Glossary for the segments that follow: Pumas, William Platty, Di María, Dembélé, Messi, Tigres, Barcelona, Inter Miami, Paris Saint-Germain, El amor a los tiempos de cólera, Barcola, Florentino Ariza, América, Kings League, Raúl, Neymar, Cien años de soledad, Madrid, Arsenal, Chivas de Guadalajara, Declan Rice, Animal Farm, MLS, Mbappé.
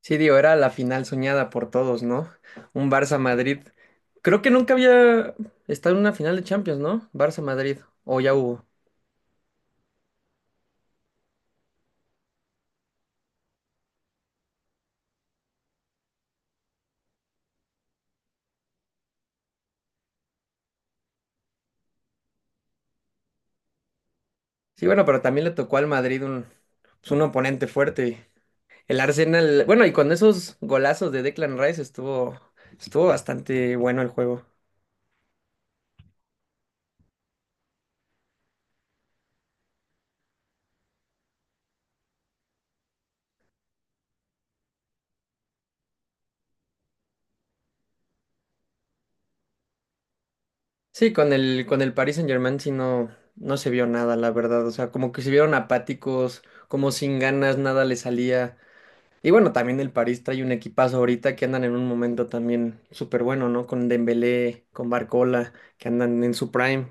Sí, digo, era la final soñada por todos, ¿no? Un Barça-Madrid. Creo que nunca había estado en una final de Champions, ¿no? Barça-Madrid. O ya hubo. Sí, bueno, pero también le tocó al Madrid un, pues, un oponente fuerte. El Arsenal. Bueno, y con esos golazos de Declan Rice estuvo bastante bueno el juego. Sí, con el Paris Saint-Germain no se vio nada, la verdad. O sea, como que se vieron apáticos, como sin ganas, nada le salía. Y bueno, también el París trae un equipazo ahorita que andan en un momento también súper bueno, ¿no? Con Dembélé, con Barcola, que andan en su prime.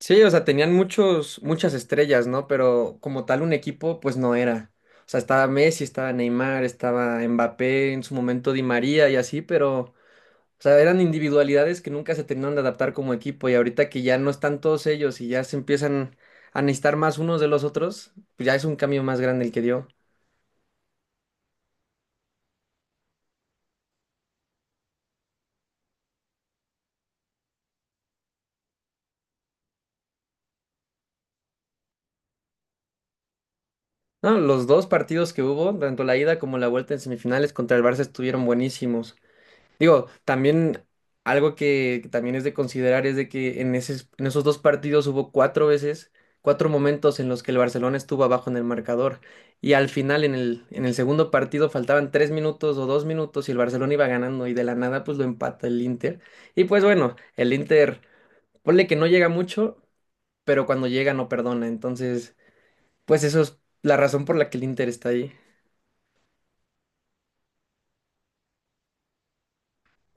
Sí, o sea, muchas estrellas, ¿no? Pero como tal un equipo, pues no era. O sea, estaba Messi, estaba Neymar, estaba Mbappé, en su momento Di María y así, pero, o sea, eran individualidades que nunca se terminaron de adaptar como equipo. Y ahorita que ya no están todos ellos y ya se empiezan a necesitar más unos de los otros, pues ya es un cambio más grande el que dio. No, los dos partidos que hubo, tanto la ida como la vuelta en semifinales contra el Barça estuvieron buenísimos. Digo, también algo que también es de considerar es de que en en esos dos partidos hubo cuatro momentos en los que el Barcelona estuvo abajo en el marcador. Y al final, en el segundo partido, faltaban tres minutos o dos minutos y el Barcelona iba ganando y de la nada pues lo empata el Inter. Y pues bueno, el Inter, ponle que no llega mucho, pero cuando llega no perdona. Entonces, pues eso es la razón por la que el Inter está ahí.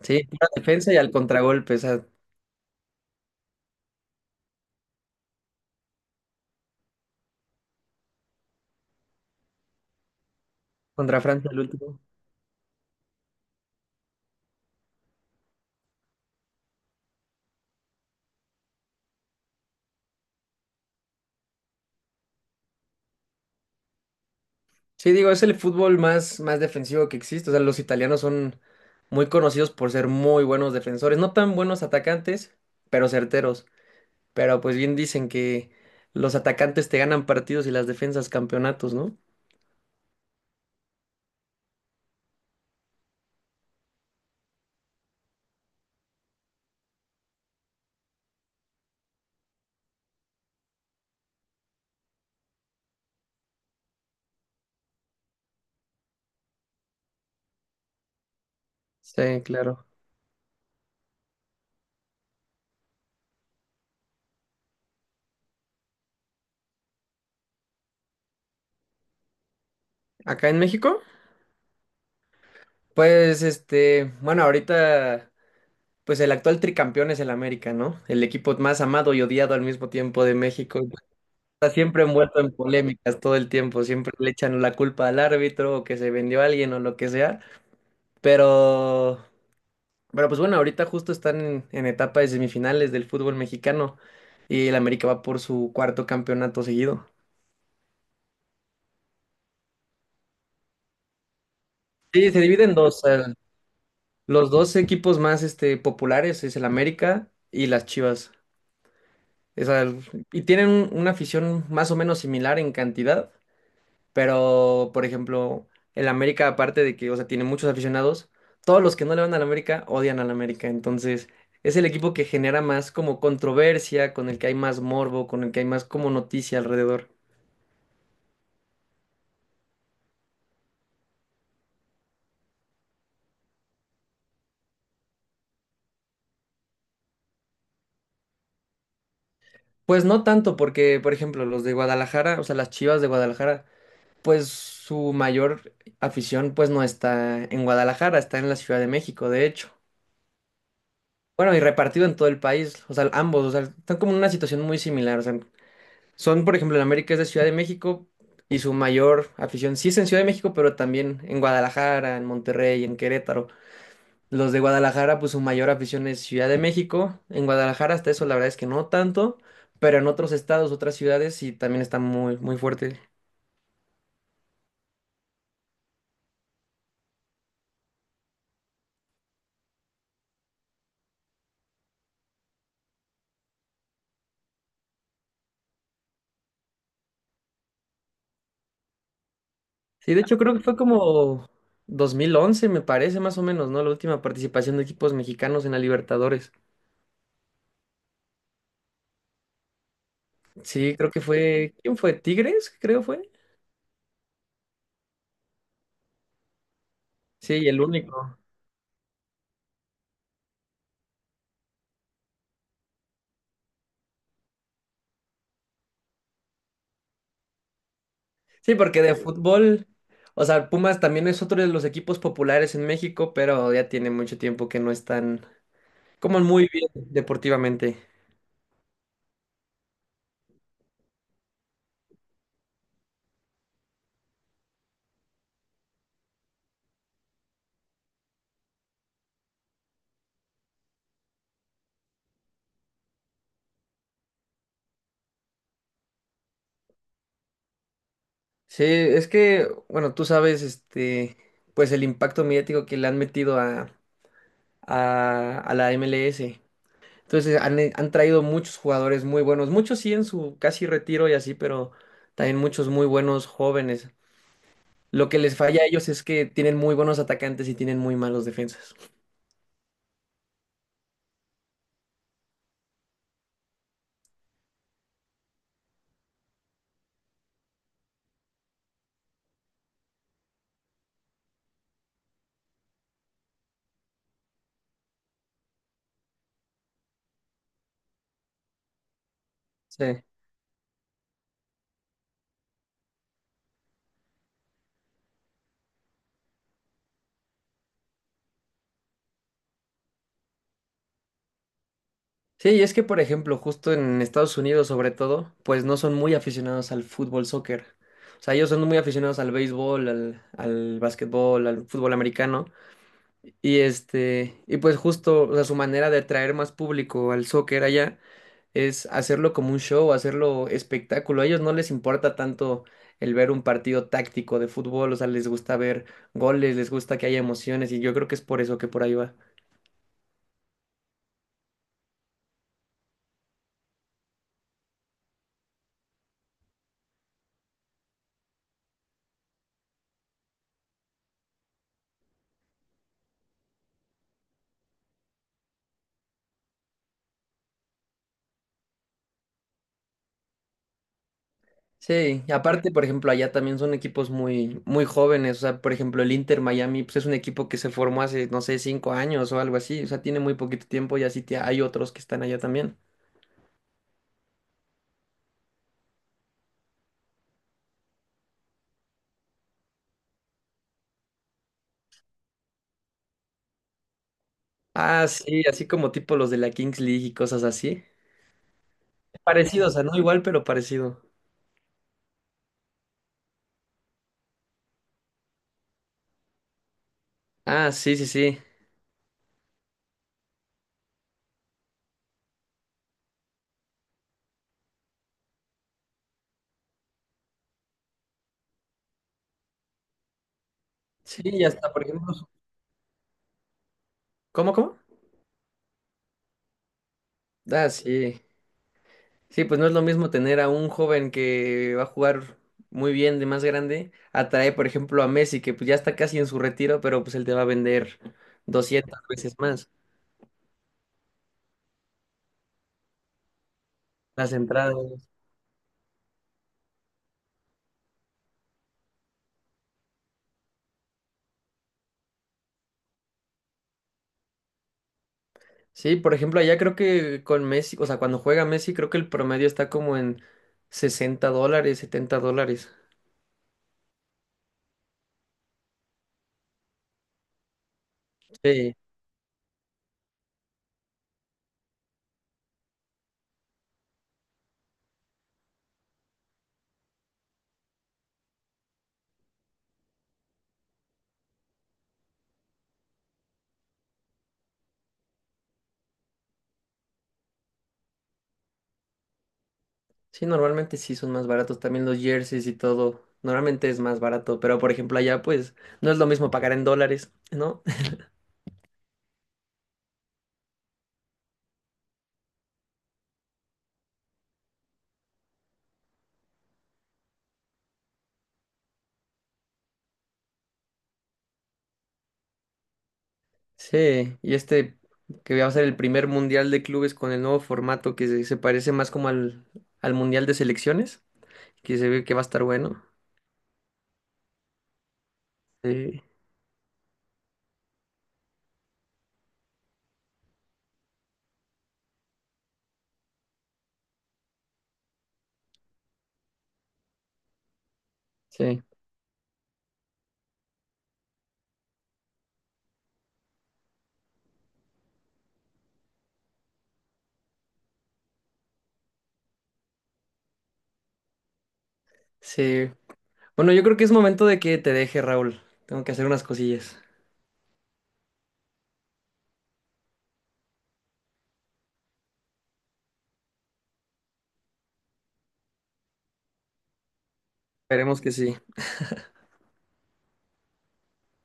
Sí, pura defensa y al contragolpe, o sea, contra Francia el último. Sí, digo, es el fútbol más defensivo que existe. O sea, los italianos son muy conocidos por ser muy buenos defensores, no tan buenos atacantes, pero certeros. Pero pues bien dicen que los atacantes te ganan partidos y las defensas campeonatos, ¿no? Sí, claro. Acá en México, pues bueno, ahorita, pues el actual tricampeón es el América, ¿no? El equipo más amado y odiado al mismo tiempo de México. Está siempre envuelto en polémicas todo el tiempo, siempre le echan la culpa al árbitro o que se vendió a alguien o lo que sea, pero, pero pues bueno, ahorita justo están en etapa de semifinales del fútbol mexicano y el América va por su cuarto campeonato seguido. Sí, se divide en dos, los dos equipos más populares es el América y las Chivas. Esa- y una afición más o menos similar en cantidad. Pero, por ejemplo, el América, aparte de que, o sea, tiene muchos aficionados, todos los que no le van al América odian al América. Entonces, es el equipo que genera más como controversia, con el que hay más morbo, con el que hay más como noticia alrededor. Pues no tanto, porque, por ejemplo, los de Guadalajara, o sea, las Chivas de Guadalajara, pues su mayor afición, pues no está en Guadalajara, está en la Ciudad de México, de hecho. Bueno, y repartido en todo el país, o sea, ambos, o sea, están como en una situación muy similar, o sea, son, por ejemplo, en América es de Ciudad de México y su mayor afición sí es en Ciudad de México, pero también en Guadalajara, en Monterrey, en Querétaro. Los de Guadalajara, pues su mayor afición es Ciudad de México. En Guadalajara hasta eso la verdad es que no tanto, pero en otros estados, otras ciudades sí también está muy, muy fuerte. Sí, de hecho creo que fue como 2011, me parece más o menos, ¿no? La última participación de equipos mexicanos en la Libertadores. Sí, creo que fue, ¿quién fue? Tigres, creo fue. Sí, el único. Sí, porque de fútbol, o sea, Pumas también es otro de los equipos populares en México, pero ya tiene mucho tiempo que no están como muy bien deportivamente. Sí, es que, bueno, tú sabes, este, pues el impacto mediático que le han metido a la MLS. Entonces han, han traído muchos jugadores muy buenos, muchos sí en su casi retiro y así, pero también muchos muy buenos jóvenes. Lo que les falla a ellos es que tienen muy buenos atacantes y tienen muy malos defensas. Sí. Sí, y es que, por ejemplo, justo en Estados Unidos, sobre todo, pues no son muy aficionados al fútbol, soccer. O sea, ellos son muy aficionados al béisbol, al básquetbol, al fútbol americano. Y este, y pues justo, o sea, su manera de atraer más público al soccer allá es hacerlo como un show, hacerlo espectáculo. A ellos no les importa tanto el ver un partido táctico de fútbol, o sea, les gusta ver goles, les gusta que haya emociones, y yo creo que es por eso que por ahí va. Sí, y aparte, por ejemplo, allá también son equipos muy jóvenes. O sea, por ejemplo, el Inter Miami, pues es un equipo que se formó hace, no sé, 5 años o algo así. O sea, tiene muy poquito tiempo y así hay otros que están allá también. Ah, sí, así como tipo los de la Kings League y cosas así. Parecido, o sea, no igual, pero parecido. Ah, sí, sí, sí. Sí, y hasta, por ejemplo, ¿cómo? Ah, sí. Sí, pues no es lo mismo tener a un joven que va a jugar muy bien de más grande, atrae, por ejemplo, a Messi, que pues ya está casi en su retiro, pero pues él te va a vender 200 veces más las entradas. Sí, por ejemplo, allá creo que con Messi, o sea, cuando juega Messi, creo que el promedio está como en $60, $70. Sí, sí, normalmente sí son más baratos también los jerseys y todo. Normalmente es más barato, pero por ejemplo, allá pues no es lo mismo pagar en dólares, ¿no? Sí, y este que va a ser el primer mundial de clubes con el nuevo formato se parece más como al mundial de selecciones, que se ve que va a estar bueno. Sí, sí, sí. Bueno, yo creo que es momento de que te deje, Raúl. Tengo que hacer unas cosillas. Esperemos que sí.